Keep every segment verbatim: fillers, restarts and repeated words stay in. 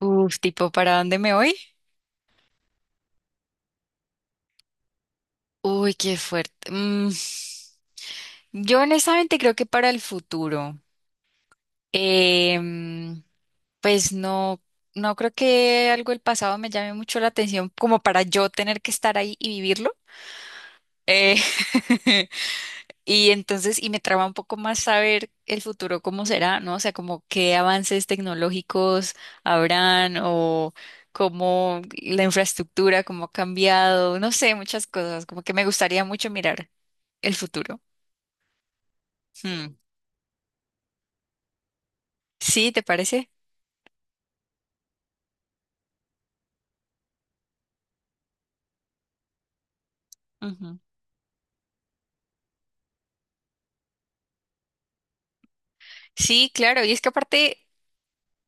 Uf, tipo, ¿para dónde me voy? Uy, qué fuerte. Mm, yo honestamente creo que para el futuro. Em, pues no, no creo que algo del pasado me llame mucho la atención como para yo tener que estar ahí y vivirlo. Eh, Y entonces, y me traba un poco más saber el futuro cómo será, ¿no? O sea, como qué avances tecnológicos habrán o cómo la infraestructura, cómo ha cambiado, no sé, muchas cosas, como que me gustaría mucho mirar el futuro. Mm. Sí, ¿te parece? Ujú. Sí, claro, y es que aparte,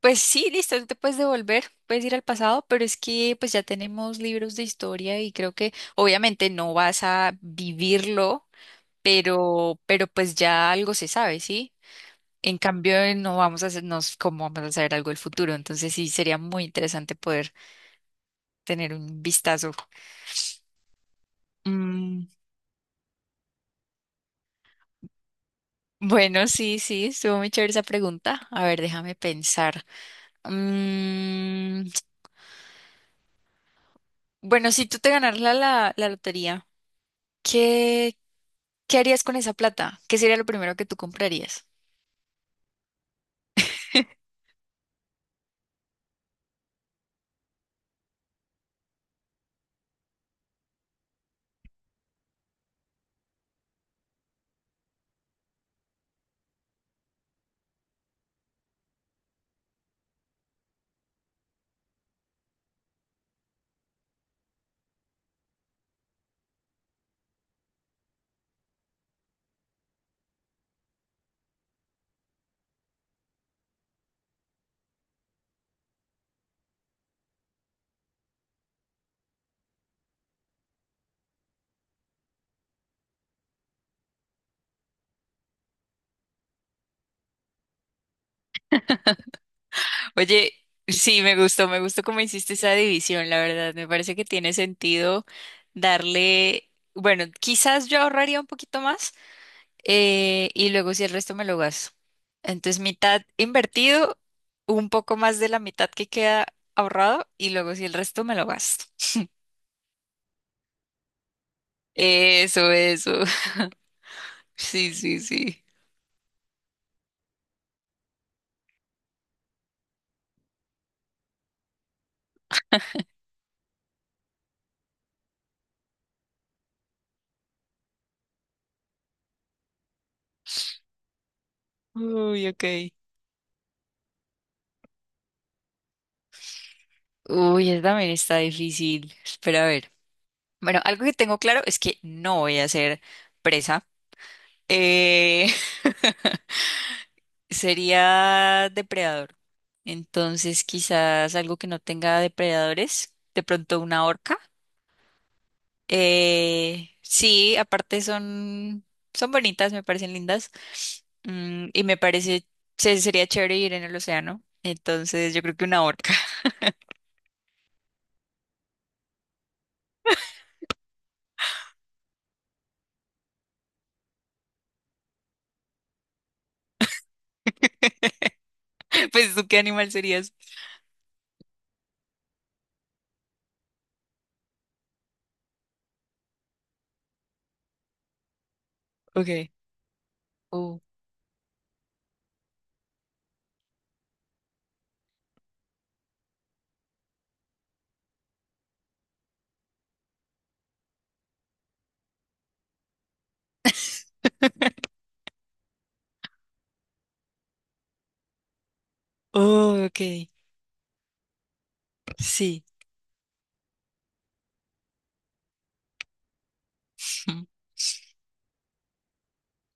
pues sí, listo, tú te puedes devolver, puedes ir al pasado, pero es que pues ya tenemos libros de historia y creo que obviamente no vas a vivirlo, pero, pero pues ya algo se sabe, ¿sí? En cambio, eh, no vamos a hacernos cómo vamos a saber algo del futuro. Entonces, sí, sería muy interesante poder tener un vistazo. Mm, bueno, sí, sí, estuvo muy chévere esa pregunta. A ver, déjame pensar. Mm, bueno, si tú te ganaras la, la, la lotería, ¿qué, qué harías con esa plata? ¿Qué sería lo primero que tú comprarías? Oye, sí, me gustó, me gustó cómo hiciste esa división, la verdad. Me parece que tiene sentido darle, bueno, quizás yo ahorraría un poquito más, eh, y luego si el resto me lo gasto. Entonces, mitad invertido, un poco más de la mitad que queda ahorrado y luego si el resto me lo gasto. Eso, eso. Sí, sí, sí. Uy, ok. Uy, esa también está difícil. Espera a ver. Bueno, algo que tengo claro es que no voy a ser presa. Eh, sería depredador. Entonces, quizás algo que no tenga depredadores, de pronto una orca. Eh, sí, aparte son, son bonitas, me parecen lindas. Mm, y me parece, se- sería chévere ir en el océano. Entonces, yo creo que una orca. Pues tú, ¿qué animal serías? Okay. Oh. Oh, ok. Sí.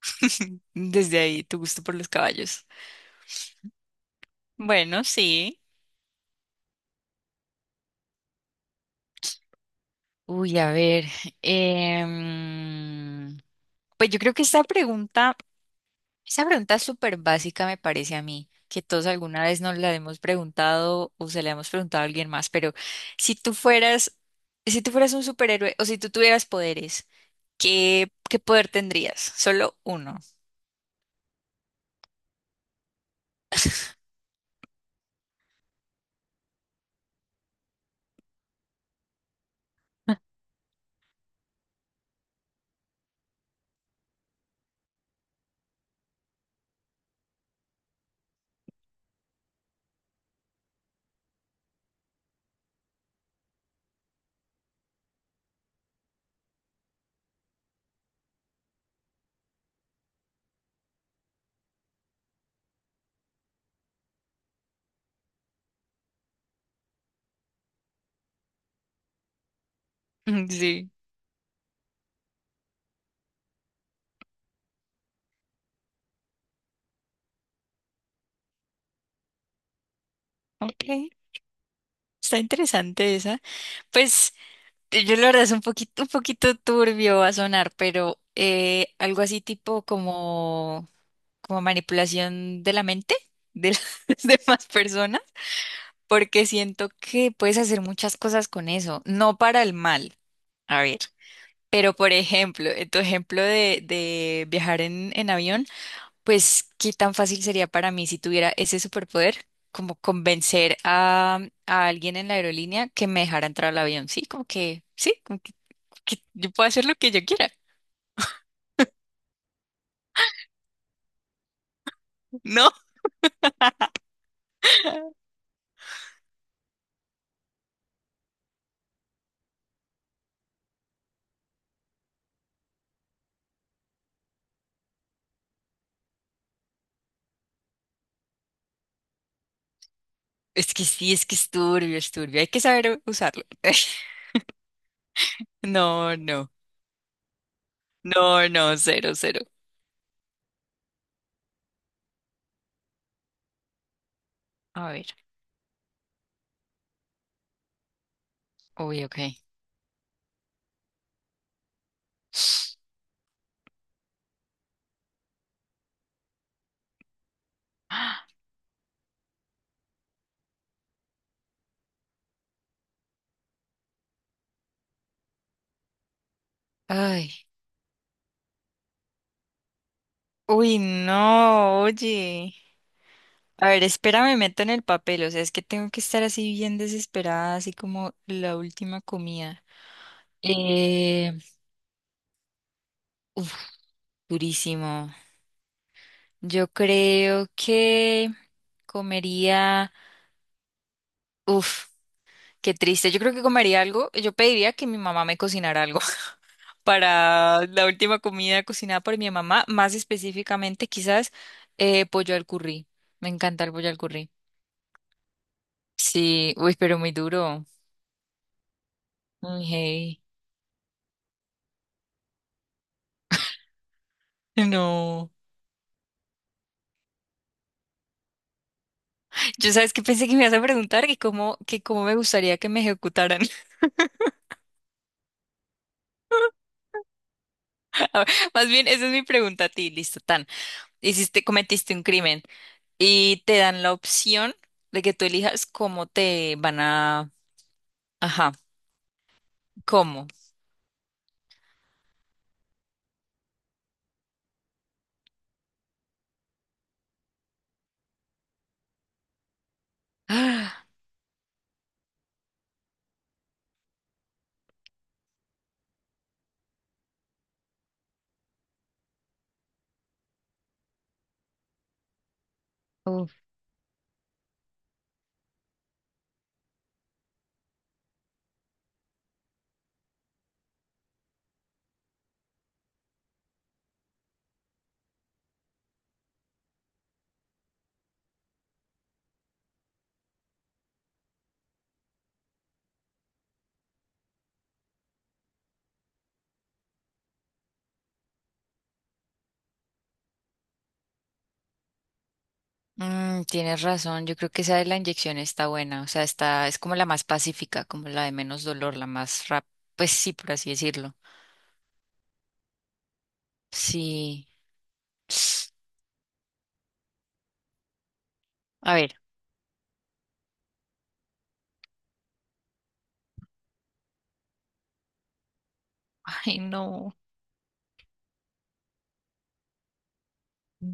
Desde ahí, tu gusto por los caballos. Bueno, sí. Uy, a ver. em, pues yo creo que esta pregunta, esa pregunta es súper básica me parece a mí, que todos alguna vez nos la hemos preguntado o se la hemos preguntado a alguien más, pero si tú fueras, si tú fueras un superhéroe o si tú tuvieras poderes, ¿qué, qué poder tendrías? Solo uno. Mm. Sí. Ok. Está interesante esa. Pues eh, yo la verdad es un poquito, un poquito turbio va a sonar, pero eh, algo así tipo como, como manipulación de la mente de las demás personas, porque siento que puedes hacer muchas cosas con eso, no para el mal, a ver. Pero por ejemplo, en tu ejemplo de, de viajar en, en avión, pues qué tan fácil sería para mí si tuviera ese superpoder, como convencer a, a alguien en la aerolínea que me dejara entrar al avión, ¿sí? Como que, sí, que yo puedo hacer lo que yo quiera. No, es que sí, es que es turbio, es turbio. Hay que saber usarlo. No, no, no, no, cero, cero. A ver, uy, ok. Ay, uy, no, oye. A ver, espérame, me meto en el papel. O sea, es que tengo que estar así bien desesperada, así como la última comida. Eh, uf, durísimo. Yo creo que comería. Uf. Qué triste. Yo creo que comería algo. Yo pediría que mi mamá me cocinara algo para la última comida cocinada por mi mamá, más específicamente quizás eh, pollo al curry. Me encanta el pollo al curry. Sí, uy, pero muy duro. Uy, hey. No. Yo sabes que pensé que me ibas a preguntar que cómo, que cómo me gustaría que me ejecutaran. A ver, más bien, esa es mi pregunta a ti. Listo, tan. Hiciste, cometiste un crimen y te dan la opción de que tú elijas cómo te van a... Ajá, ¿cómo? Ah, uf, mm, tienes razón, yo creo que esa de la inyección está buena, o sea, está, es como la más pacífica, como la de menos dolor, la más rápida, pues sí, por así decirlo. Sí. A ver, ay no.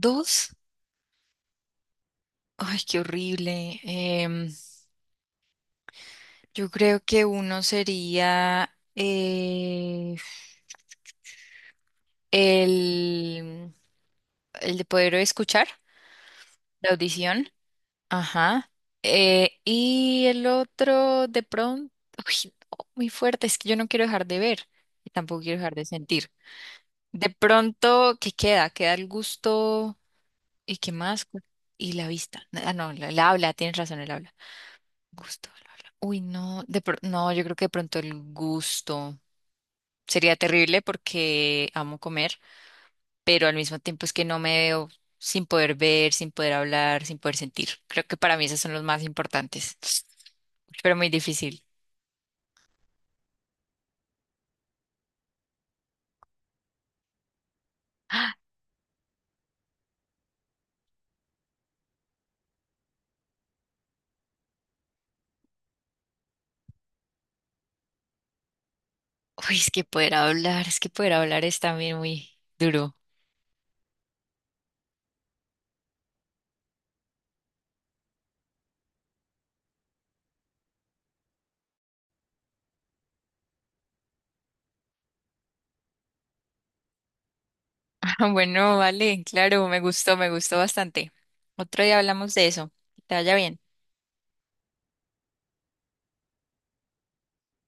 Dos, ay, qué horrible. Em, yo creo que uno sería eh, el, el de poder escuchar, la audición. Ajá. Eh, y el otro, de pronto, uy, no, muy fuerte, es que yo no quiero dejar de ver y tampoco quiero dejar de sentir. De pronto, ¿qué queda? Queda el gusto y qué más. Gu- Y la vista. Ah, no, la- el habla, tienes razón, el habla. Gusto, el habla. Uy, no, de pronto, no, yo creo que de pronto el gusto sería terrible porque amo comer, pero al mismo tiempo es que no me veo sin poder ver, sin poder hablar, sin poder sentir. Creo que para mí esos son los más importantes, pero muy difícil. Uy, es que poder hablar, es que poder hablar es también muy duro. Ah, bueno, vale, claro, me gustó, me gustó bastante. Otro día hablamos de eso. Que te vaya bien.